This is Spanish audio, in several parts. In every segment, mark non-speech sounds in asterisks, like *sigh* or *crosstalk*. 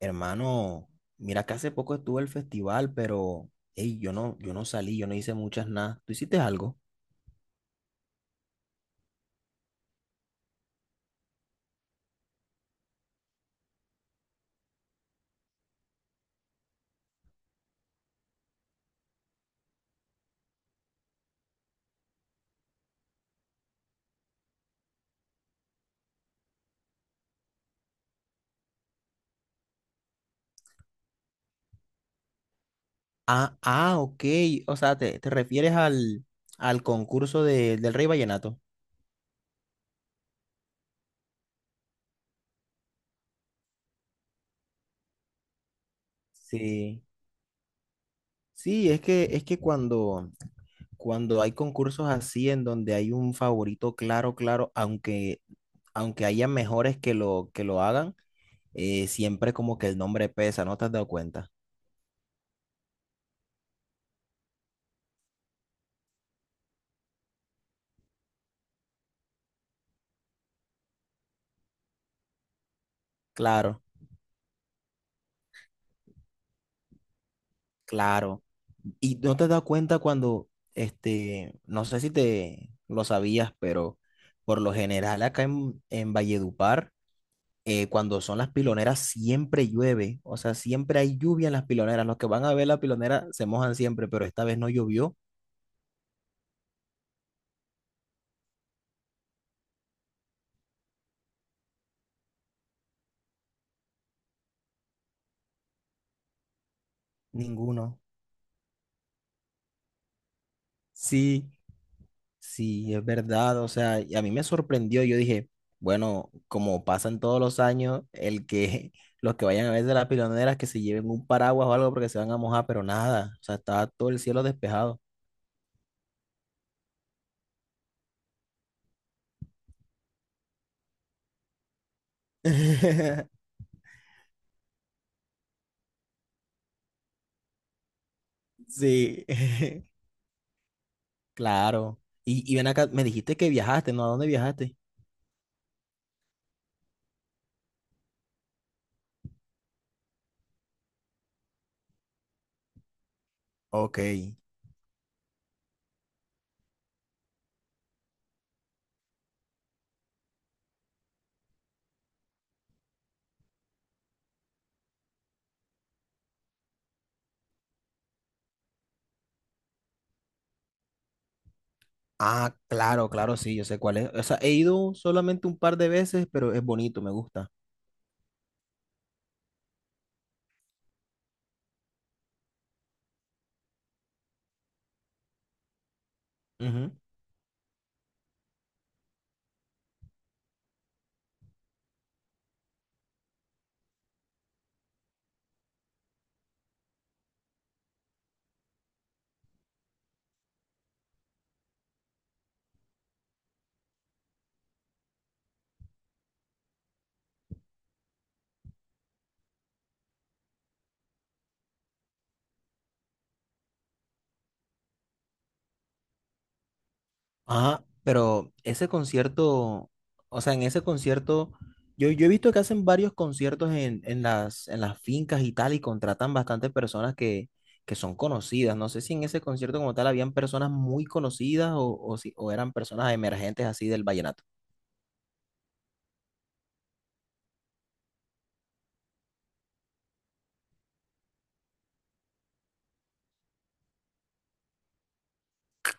Hermano, mira que hace poco estuvo el festival, pero ey, yo no salí, yo no hice muchas nada. ¿Tú hiciste algo? Ah, ah, ok. O sea, te refieres al concurso del Rey Vallenato. Sí. Sí, es que cuando, cuando hay concursos así en donde hay un favorito claro, claro, aunque, aunque haya mejores que lo hagan, siempre como que el nombre pesa, ¿no te has dado cuenta? Claro, claro. Y no te das cuenta cuando, no sé si te lo sabías, pero por lo general acá en Valledupar, cuando son las piloneras siempre llueve, o sea, siempre hay lluvia en las piloneras. Los que van a ver la pilonera se mojan siempre, pero esta vez no llovió ninguno. Sí. Sí, es verdad, o sea, y a mí me sorprendió, yo dije, bueno, como pasan todos los años, el que *laughs* los que vayan a ver de las piloneras que se lleven un paraguas o algo porque se van a mojar, pero nada, o sea, estaba todo el cielo despejado. *laughs* Sí, *laughs* claro. Y ven acá, me dijiste que viajaste, ¿no? ¿A dónde viajaste? Ok. Ah, claro, claro, sí, yo sé cuál es. O sea, he ido solamente un par de veces, pero es bonito, me gusta. Ah, pero ese concierto, o sea, en ese concierto, yo he visto que hacen varios conciertos en las fincas y tal, y contratan bastantes personas que son conocidas. No sé si en ese concierto como tal habían personas muy conocidas o, si, o eran personas emergentes así del vallenato.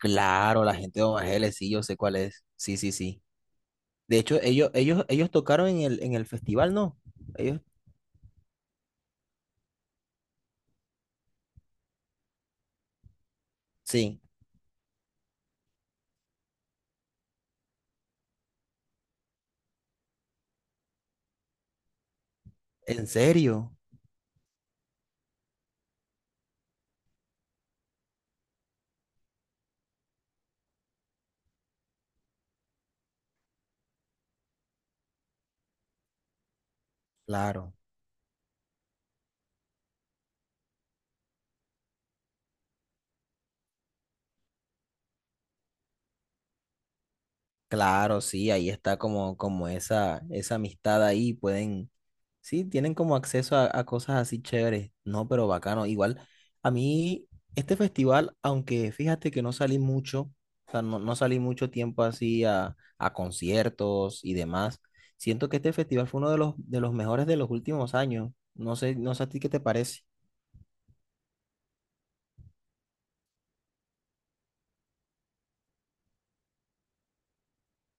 Claro, la gente de Omageles, sí, yo sé cuál es. Sí, sí, sí. De hecho, ellos tocaron en el festival, ¿no? Ellos, sí, en serio, claro. Claro, sí, ahí está como, como esa amistad ahí, pueden, sí, tienen como acceso a cosas así chéveres, no, pero bacano, igual, a mí, este festival, aunque fíjate que no salí mucho, o sea, no, no salí mucho tiempo así a conciertos y demás, siento que este festival fue uno de los mejores de los últimos años, no sé, no sé a ti qué te parece.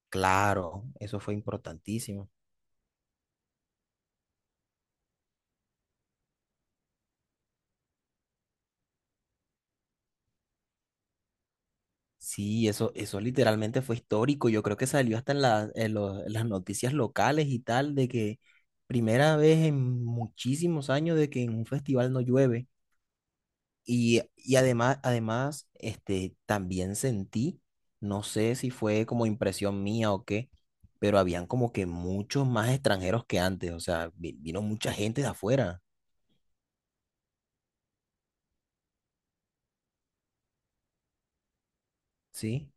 Claro, eso fue importantísimo. Sí, eso literalmente fue histórico. Yo creo que salió hasta en, en en las noticias locales y tal, de que primera vez en muchísimos años de que en un festival no llueve. Y además, además, también sentí, no sé si fue como impresión mía o qué, pero habían como que muchos más extranjeros que antes. O sea, vino mucha gente de afuera, ¿sí?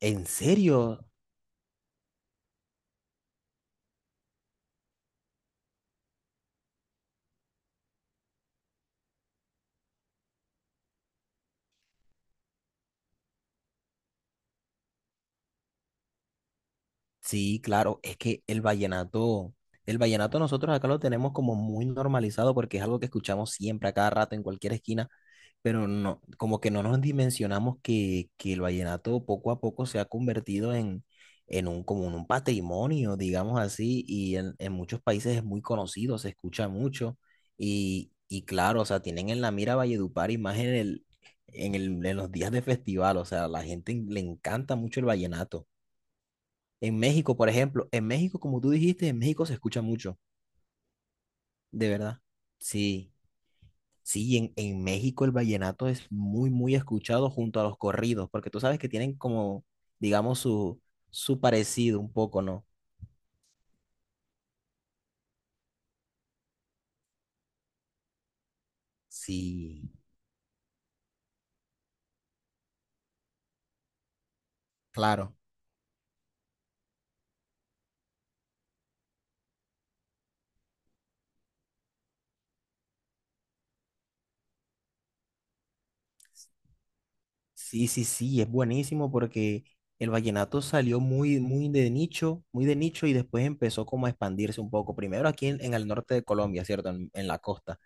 En serio, sí, claro, es que el vallenato nosotros acá lo tenemos como muy normalizado porque es algo que escuchamos siempre a cada rato en cualquier esquina, pero no, como que no nos dimensionamos que el vallenato poco a poco se ha convertido en un, como en un patrimonio, digamos así, y en muchos países es muy conocido, se escucha mucho, y claro, o sea, tienen en la mira Valledupar y más en el, en el, en los días de festival, o sea, a la gente le encanta mucho el vallenato. En México, por ejemplo, en México, como tú dijiste, en México se escucha mucho, de verdad. Sí, sí, en México el vallenato es muy, muy escuchado junto a los corridos, porque tú sabes que tienen como, digamos, su parecido un poco, ¿no? Sí, claro. Sí, sí, sí, es buenísimo porque el vallenato salió muy, muy de nicho y después empezó como a expandirse un poco. Primero aquí en el norte de Colombia, ¿cierto? En la costa.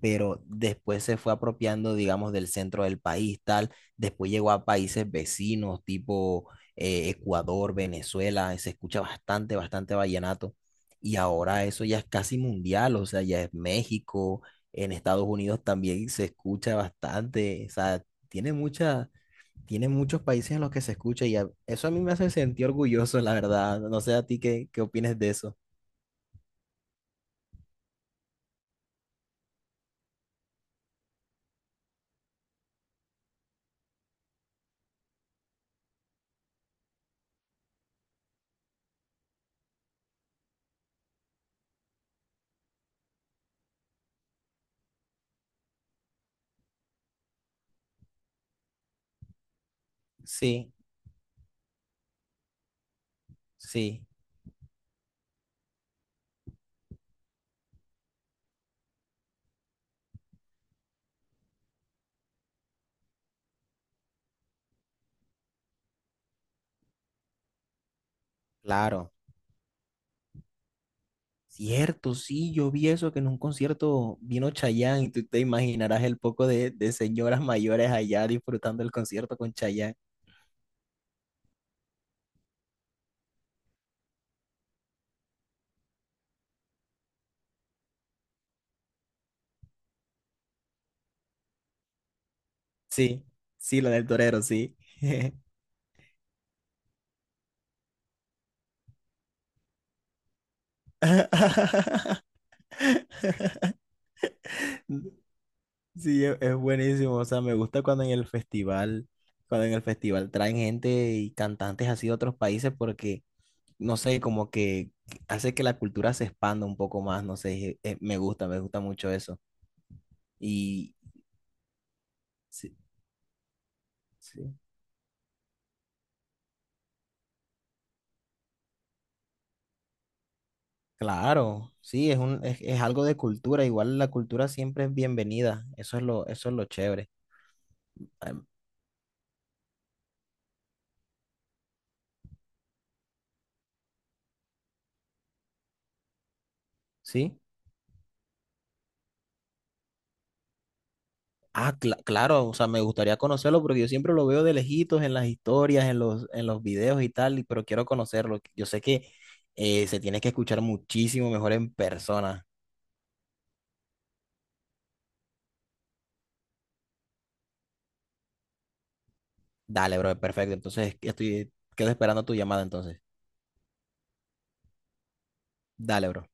Pero después se fue apropiando, digamos, del centro del país, tal, después llegó a países vecinos, tipo Ecuador, Venezuela, y se escucha bastante, bastante vallenato, y ahora eso ya es casi mundial, o sea, ya es México, en Estados Unidos también se escucha bastante, o sea, tiene mucha... Tiene muchos países en los que se escucha y eso a mí me hace sentir orgulloso, la verdad. No sé a ti qué, qué opinas de eso. Sí, sí, claro. Cierto, sí, yo vi eso, que en un concierto vino Chayanne y tú te imaginarás el poco de señoras mayores allá disfrutando el concierto con Chayanne. Sí, sí, la del torero, sí. *laughs* Sí, es buenísimo, o sea, me gusta cuando en el festival, cuando en el festival traen gente y cantantes así de otros países porque, no sé, como que hace que la cultura se expanda un poco más, no sé, me gusta mucho eso. Y sí, sí. Claro, sí, es un, es algo de cultura. Igual la cultura siempre es bienvenida. Eso es lo chévere. Am- ¿Sí? Ah, claro, o sea, me gustaría conocerlo porque yo siempre lo veo de lejitos en las historias, en los videos y tal, y- pero quiero conocerlo. Yo sé que se tiene que escuchar muchísimo mejor en persona. Dale, bro, perfecto. Entonces, estoy, quedo esperando tu llamada entonces. Dale, bro.